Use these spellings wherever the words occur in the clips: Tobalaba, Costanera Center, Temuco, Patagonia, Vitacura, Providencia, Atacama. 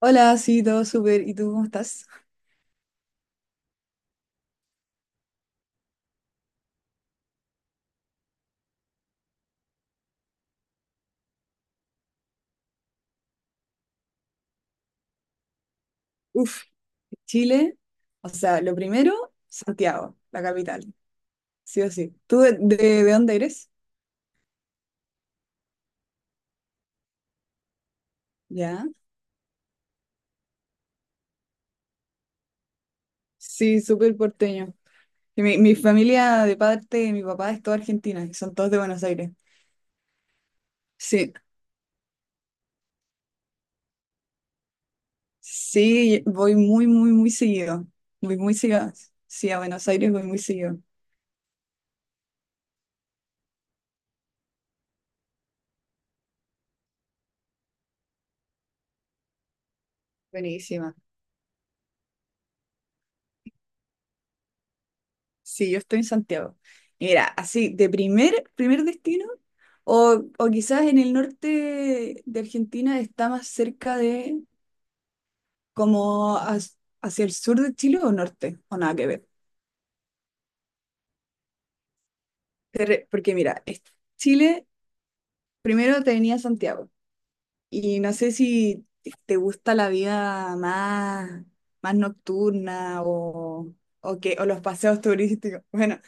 Hola, sí, todo súper. ¿Y tú cómo estás? Uf, Chile. O sea, lo primero, Santiago, la capital. Sí o sí. ¿Tú de dónde eres? Ya. Sí, súper porteño. Y mi familia de parte de mi papá es toda argentina y son todos de Buenos Aires. Sí, sí, voy muy, muy, muy seguido. Voy muy seguido. Sí, a Buenos Aires voy muy seguido. Buenísima. Sí, yo estoy en Santiago. Y mira, así, de primer destino, o quizás en el norte de Argentina está más cerca de como hacia el sur de Chile o norte, o nada que ver. Porque mira, Chile primero te venía Santiago. Y no sé si te gusta la vida más nocturna o los paseos turísticos. Bueno,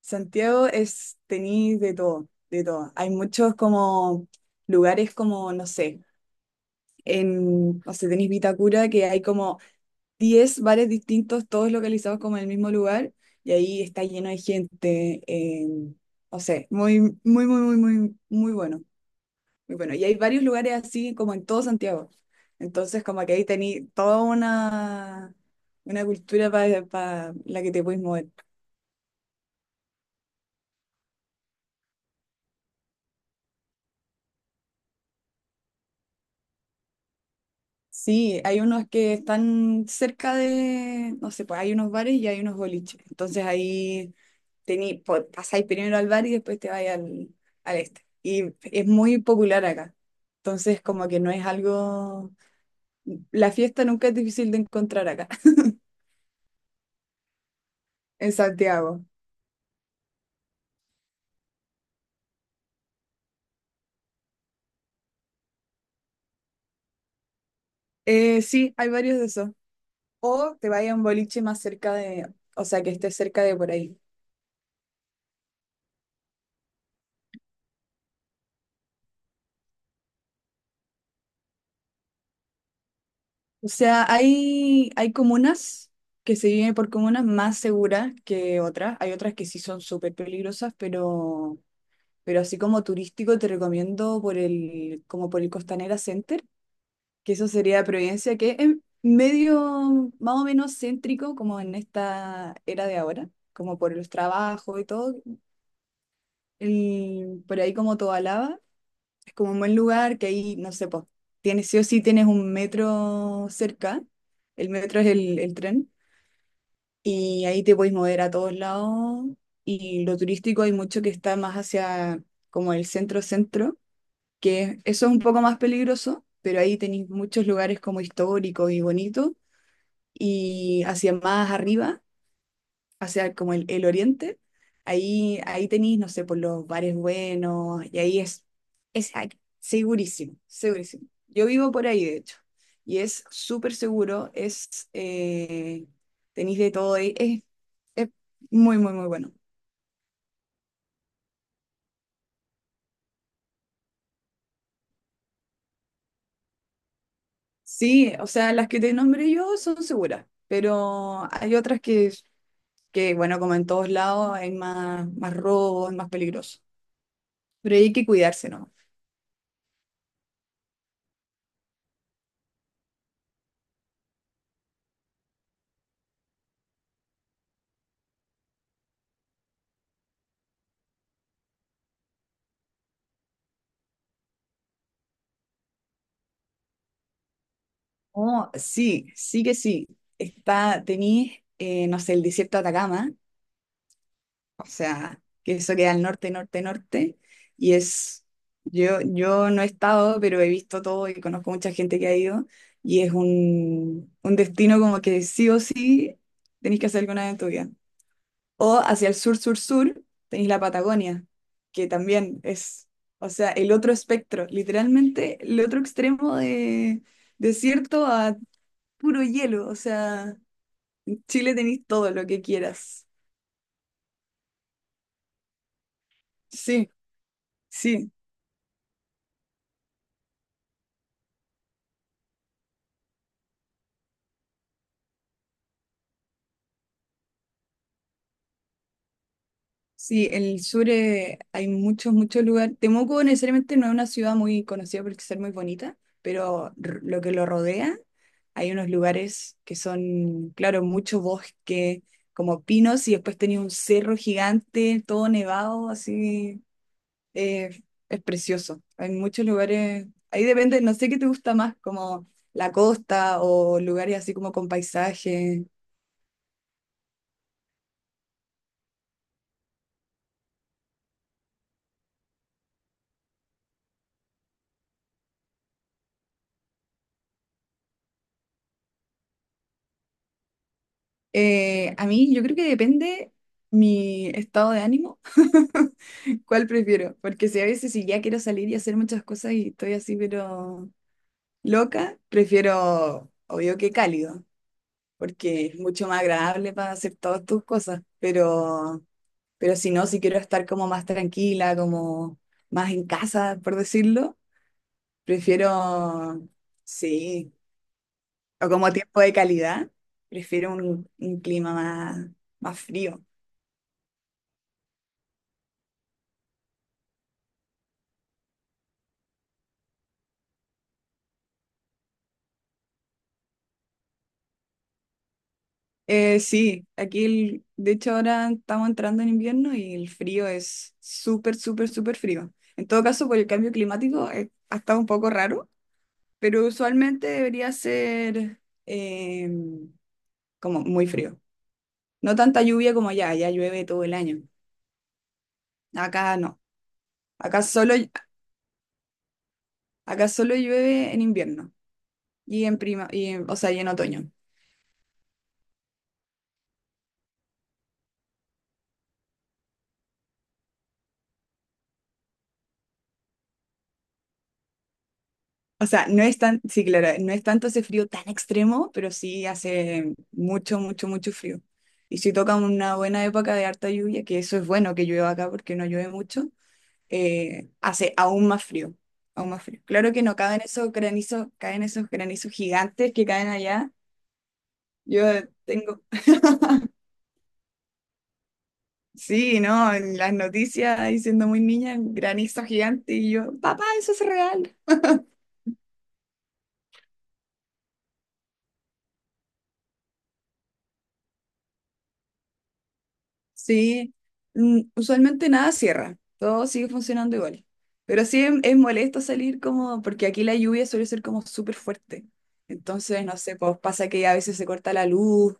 Santiago es, tenéis de todo, de todo. Hay muchos como lugares como, no sé, en, no sé, tenéis Vitacura, que hay como 10 bares distintos, todos localizados como en el mismo lugar, y ahí está lleno de gente. No sé, muy, muy, muy, muy, muy, muy bueno, muy bueno. Y hay varios lugares así como en todo Santiago. Entonces, como que ahí tenéis toda una cultura para la que te puedes mover. Sí, hay unos que están cerca de, no sé, pues hay unos bares y hay unos boliches. Entonces ahí pasáis primero al bar y después te vais al este. Y es muy popular acá. Entonces como que no es algo. La fiesta nunca es difícil de encontrar acá, en Santiago. Sí, hay varios de esos. O te vayas a un boliche más cerca de, o sea, que esté cerca de por ahí. O sea, hay comunas que se viven por comunas más seguras que otras. Hay otras que sí son súper peligrosas, pero, así como turístico te recomiendo por el, como por el Costanera Center, que eso sería Providencia, que es medio más o menos céntrico como en esta era de ahora, como por los trabajos y todo. Por ahí como Tobalaba, es como un buen lugar que ahí, no sé, pues, tienes sí o sí tienes un metro cerca. El metro es el tren. Y ahí te puedes mover a todos lados. Y lo turístico hay mucho que está más hacia como el centro-centro, que eso es un poco más peligroso, pero ahí tenéis muchos lugares como históricos y bonitos. Y hacia más arriba, hacia como el oriente, ahí tenéis, no sé, por los bares buenos, y ahí es segurísimo, segurísimo. Yo vivo por ahí, de hecho, y es súper seguro, tenéis de todo, ahí. Es muy, muy, muy bueno. Sí, o sea, las que te nombré yo son seguras, pero hay otras que bueno, como en todos lados, hay más robo, es más peligroso. Pero hay que cuidarse, ¿no? Oh, sí, sí que sí. Tenís, no sé, el desierto de Atacama. O sea, que eso queda al norte, norte, norte. Y es, yo no he estado, pero he visto todo y conozco mucha gente que ha ido. Y es un destino como que sí o sí tenéis que hacer alguna vez en tu vida. O hacia el sur, sur, sur, tenéis la Patagonia, que también es, o sea, el otro espectro, literalmente el otro extremo de desierto a puro hielo. O sea, Chile tenéis todo lo que quieras. Sí, sí. Sí, el sur, hay muchos, muchos lugares. Temuco necesariamente no es una ciudad muy conocida por ser muy bonita, pero lo que lo rodea, hay unos lugares que son, claro, mucho bosque, como pinos, y después tenía un cerro gigante, todo nevado, así, eh, es precioso. Hay muchos lugares, ahí depende, no sé qué te gusta más, como la costa o lugares así como con paisajes. A mí yo creo que depende mi estado de ánimo, cuál prefiero, porque si a veces si ya quiero salir y hacer muchas cosas y estoy así pero loca, prefiero obvio que cálido, porque es mucho más agradable para hacer todas tus cosas, pero, si no, si quiero estar como más tranquila, como más en casa, por decirlo, prefiero, sí, o como tiempo de calidad, prefiero un clima más frío. Sí, aquí de hecho ahora estamos entrando en invierno y el frío es súper, súper, súper frío. En todo caso, por el cambio climático, ha estado un poco raro, pero usualmente debería ser eh, como muy frío. No tanta lluvia como allá, allá llueve todo el año. Acá no, acá solo, acá solo llueve en invierno y en prima, o sea, y en otoño. O sea, no es tan, sí, claro, no es tanto ese frío tan extremo, pero sí hace mucho, mucho, mucho frío. Y si toca una buena época de harta lluvia, que eso es bueno que llueva acá porque no llueve mucho, hace aún más frío, aún más frío. Claro que no caben esos granizos, caen esos granizos gigantes que caen allá. Yo tengo, sí, ¿no? En las noticias, diciendo muy niña, granizo gigante, y yo, papá, eso es real. Sí, usualmente nada cierra, todo sigue funcionando igual. Pero sí es molesto salir como, porque aquí la lluvia suele ser como súper fuerte. Entonces, no sé, pues pasa que a veces se corta la luz,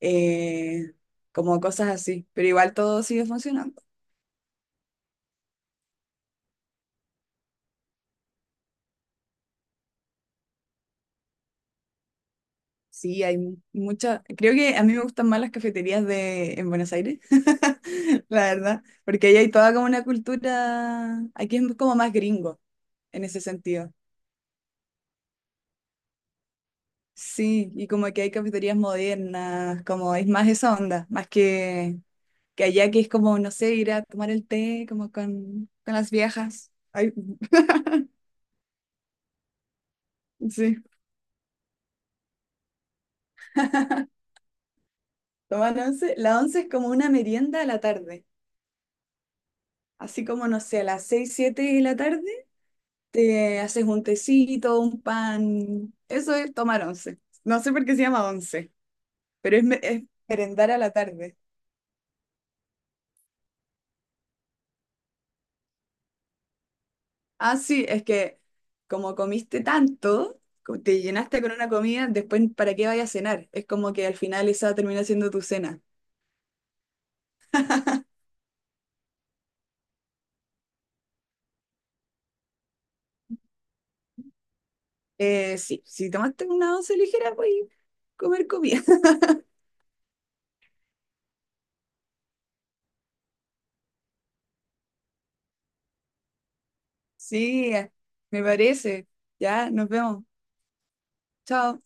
eh, como cosas así, pero igual todo sigue funcionando. Sí, hay mucha, creo que a mí me gustan más las cafeterías de, en Buenos Aires, la verdad, porque ahí hay toda como una cultura, aquí es como más gringo en ese sentido. Sí, y como que hay cafeterías modernas, como es más esa onda, más que allá que es como, no sé, ir a tomar el té como con, las viejas. Ay, sí, tomar once. La once es como una merienda a la tarde. Así como, no sé, a las 6, 7 de la tarde te haces un tecito, un pan. Eso es tomar once. No sé por qué se llama once, pero es merendar a la tarde. Ah, sí, es que como comiste tanto, te llenaste con una comida, después ¿para qué vayas a cenar? Es como que al final esa termina siendo tu cena. Sí, si tomaste una once ligera, voy a comer comida. Sí, me parece. Ya, nos vemos. Chao.